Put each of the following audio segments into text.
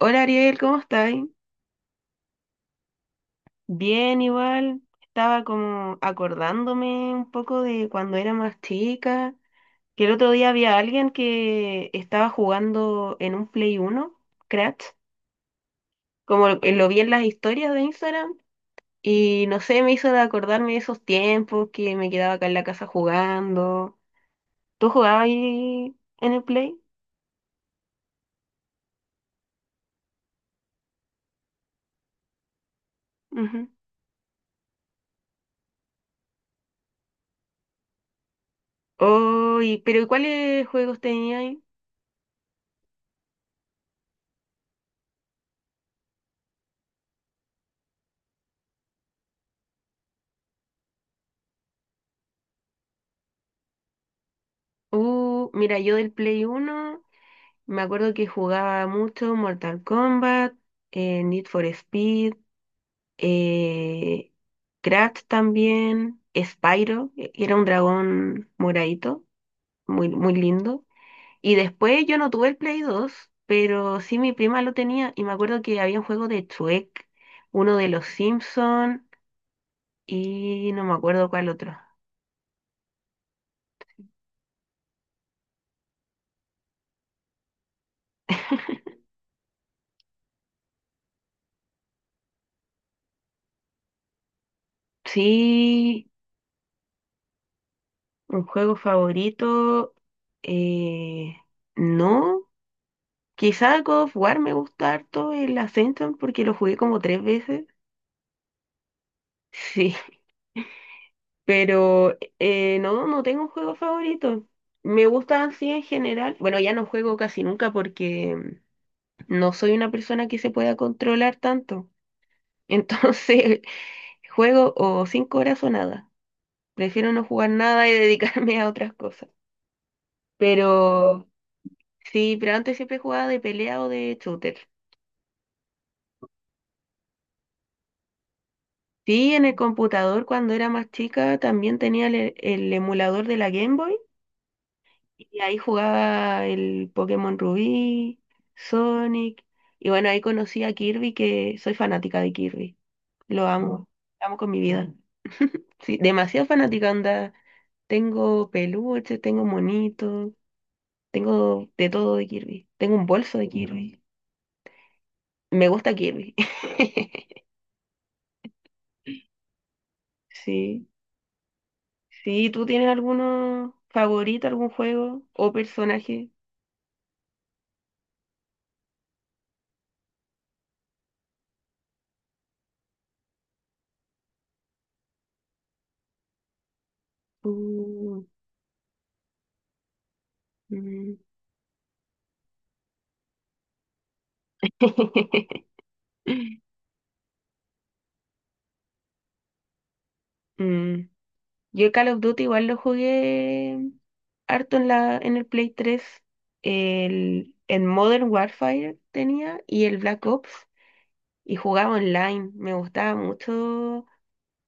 Hola Ariel, ¿cómo estás? Bien, igual. Estaba como acordándome un poco de cuando era más chica, que el otro día había alguien que estaba jugando en un Play uno, Crash, como lo vi en las historias de Instagram, y no sé, me hizo acordarme de esos tiempos que me quedaba acá en la casa jugando. ¿Tú jugabas ahí en el Play? Ujú. Oh, pero ¿y cuáles juegos tenías ahí? Mira, yo del Play uno. Me acuerdo que jugaba mucho Mortal Kombat, Need for Speed, eh, Crash también, Spyro, era un dragón moradito, muy, muy lindo. Y después yo no tuve el Play 2, pero sí mi prima lo tenía y me acuerdo que había un juego de Shrek, uno de los Simpsons y no me acuerdo cuál otro. Sí, un juego favorito, eh, no. Quizá God of War me gusta harto el Ascension porque lo jugué como 3 veces. Sí, pero no, no tengo un juego favorito. Me gustan así en general. Bueno, ya no juego casi nunca porque no soy una persona que se pueda controlar tanto. Entonces, juego o 5 horas o nada. Prefiero no jugar nada y dedicarme a otras cosas. Pero sí, pero antes siempre jugaba de pelea o de shooter. Sí, en el computador cuando era más chica también tenía el emulador de la Game Boy y ahí jugaba el Pokémon Rubí, Sonic y bueno, ahí conocí a Kirby que soy fanática de Kirby, lo amo, lo amo con mi vida. Sí, demasiado fanática onda, tengo peluches, tengo monitos, tengo de todo de Kirby, tengo un bolso de Kirby, me gusta Kirby. Sí, sí, ¿tú tienes alguno favorito, algún juego o personaje? Uh, mm. Mm. Yo Call of Duty igual lo jugué harto en el Play 3. En Modern Warfare tenía y el Black Ops. Y jugaba online. Me gustaba mucho.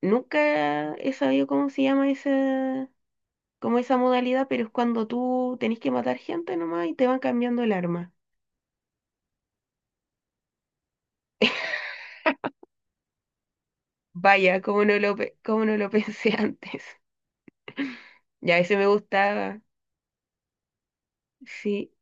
Nunca he sabido cómo se llama esa, como esa modalidad, pero es cuando tú tenés que matar gente nomás y te van cambiando el arma. Vaya, cómo no lo pensé antes. Ya, ese me gustaba. Sí.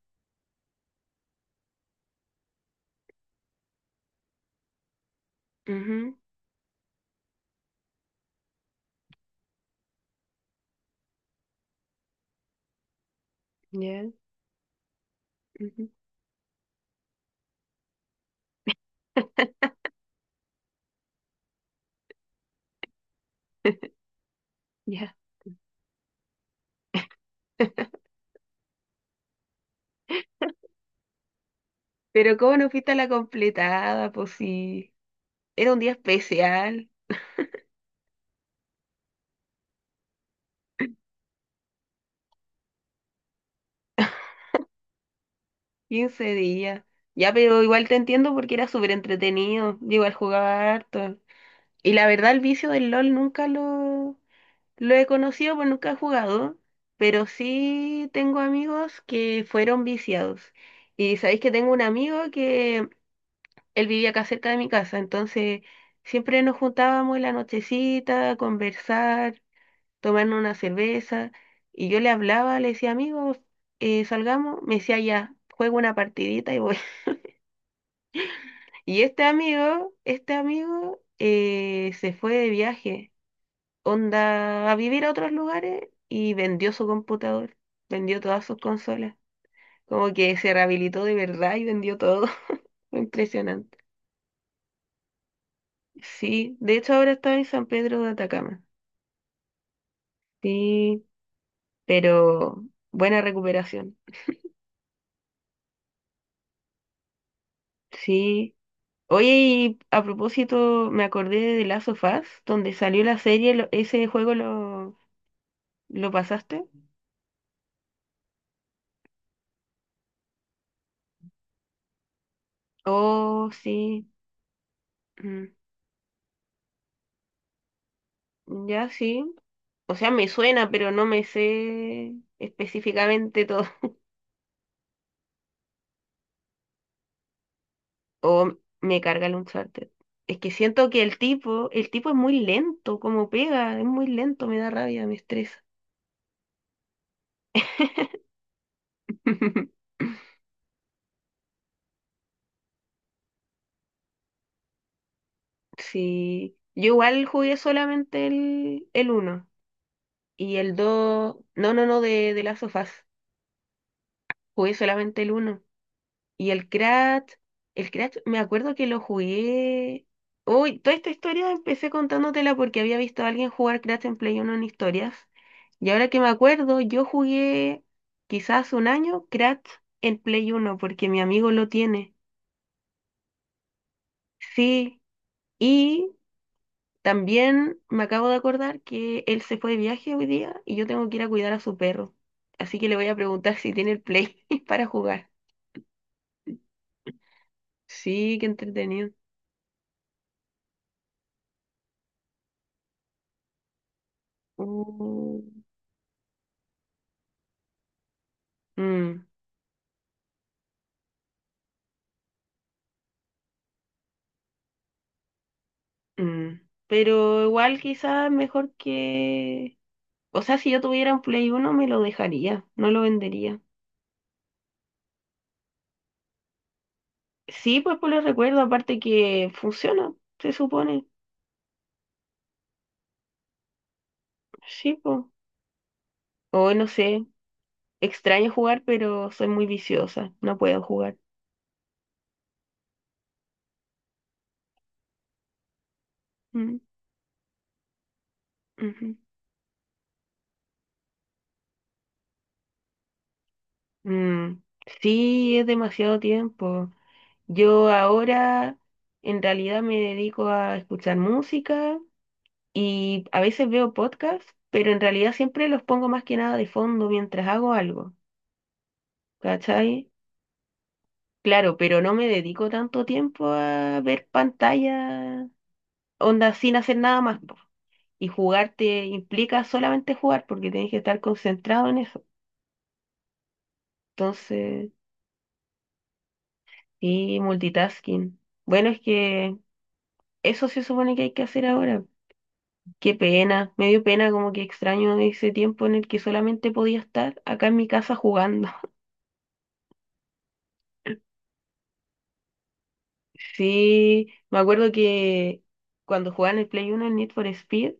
Ya, ujú, ya. Pero ¿cómo no fuiste a la completada? Pues sí, era un día especial, 15 días. Ya, pero igual te entiendo porque era súper entretenido. Yo igual jugaba harto. Y la verdad, el vicio del LOL nunca lo he conocido, pues nunca he jugado. Pero sí tengo amigos que fueron viciados. Y sabéis que tengo un amigo que él vivía acá cerca de mi casa, entonces siempre nos juntábamos en la nochecita a conversar, tomarnos una cerveza. Y yo le hablaba, le decía, amigo, salgamos. Me decía, ya, juego una partidita y voy. Y este amigo, se fue de viaje, onda a vivir a otros lugares y vendió su computador, vendió todas sus consolas. Como que se rehabilitó de verdad y vendió todo. Fue impresionante. Sí, de hecho ahora está en San Pedro de Atacama. Sí, pero buena recuperación. Sí. Oye, y a propósito, me acordé de The Last of Us, donde salió la serie, ese juego lo pasaste. Oh, sí. mm, Ya sí. O sea, me suena, pero no me sé específicamente todo. O me carga el Uncharted. Es que siento que el tipo es muy lento, como pega, es muy lento, me da rabia, me estresa. Sí. Yo igual jugué solamente el uno. Y el 2 no, no, no, de Last of Us. Jugué solamente el uno. Y el Crash, me acuerdo que lo jugué. Uy, toda esta historia empecé contándotela porque había visto a alguien jugar Crash en Play uno en historias. Y ahora que me acuerdo, yo jugué quizás un año Crash en Play uno porque mi amigo lo tiene. Sí, y también me acabo de acordar que él se fue de viaje hoy día y yo tengo que ir a cuidar a su perro. Así que le voy a preguntar si tiene el play para jugar. Sí, qué entretenido. Uh, mm, mm. Pero igual quizás mejor que... O sea, si yo tuviera un Play uno me lo dejaría, no lo vendería. Sí, pues por el recuerdo, aparte que funciona, se supone. Sí, pues. O no sé, extraño jugar, pero soy muy viciosa, no puedo jugar. Mm, ujú. Mm, sí, es demasiado tiempo. Yo ahora en realidad me dedico a escuchar música y a veces veo podcasts, pero en realidad siempre los pongo más que nada de fondo mientras hago algo, ¿cachai? Claro, pero no me dedico tanto tiempo a ver pantalla, onda sin hacer nada más, po. Y jugar te implica solamente jugar porque tienes que estar concentrado en eso. Entonces, sí, multitasking. Bueno, es que... Eso se supone que hay que hacer ahora. Qué pena, me dio pena, como que extraño ese tiempo en el que solamente podía estar acá en mi casa jugando. Sí, me acuerdo que cuando jugaba en el Play 1 en Need for Speed,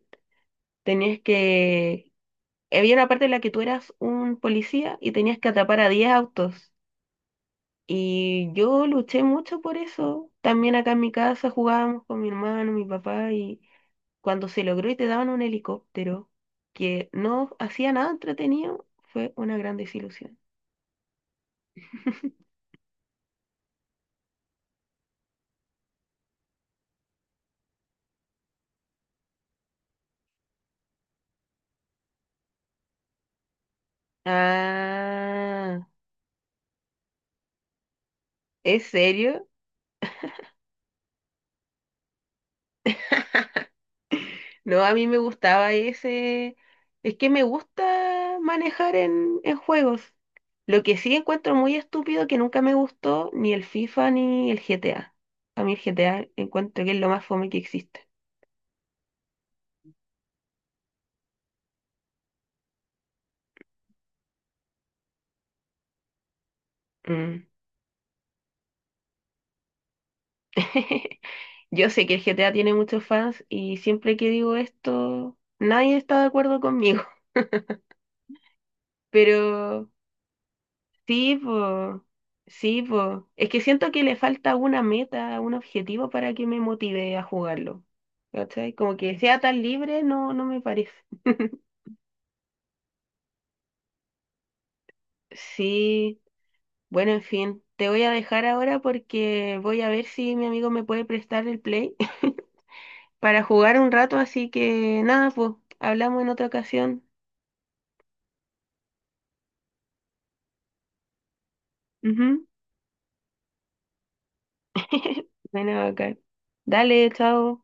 tenías que... Había una parte en la que tú eras un policía y tenías que atrapar a 10 autos. Y yo luché mucho por eso. También acá en mi casa jugábamos con mi hermano, mi papá, y cuando se logró y te daban un helicóptero que no hacía nada entretenido, fue una gran desilusión. Ah, ¿es serio? No, a mí me gustaba ese... Es que me gusta manejar en juegos. Lo que sí encuentro muy estúpido que nunca me gustó ni el FIFA ni el GTA. A mí el GTA encuentro que es lo más fome que existe. Mm. Yo sé que el GTA tiene muchos fans y siempre que digo esto, nadie está de acuerdo conmigo. Pero sí, po, sí, po. Es que siento que le falta una meta, un objetivo para que me motive a jugarlo. ¿Cachai? Como que sea tan libre, no, no me parece. Sí, bueno, en fin, te voy a dejar ahora porque voy a ver si mi amigo me puede prestar el play para jugar un rato, así que nada, pues, hablamos en otra ocasión. Ujú. Bueno, acá. Dale, chao.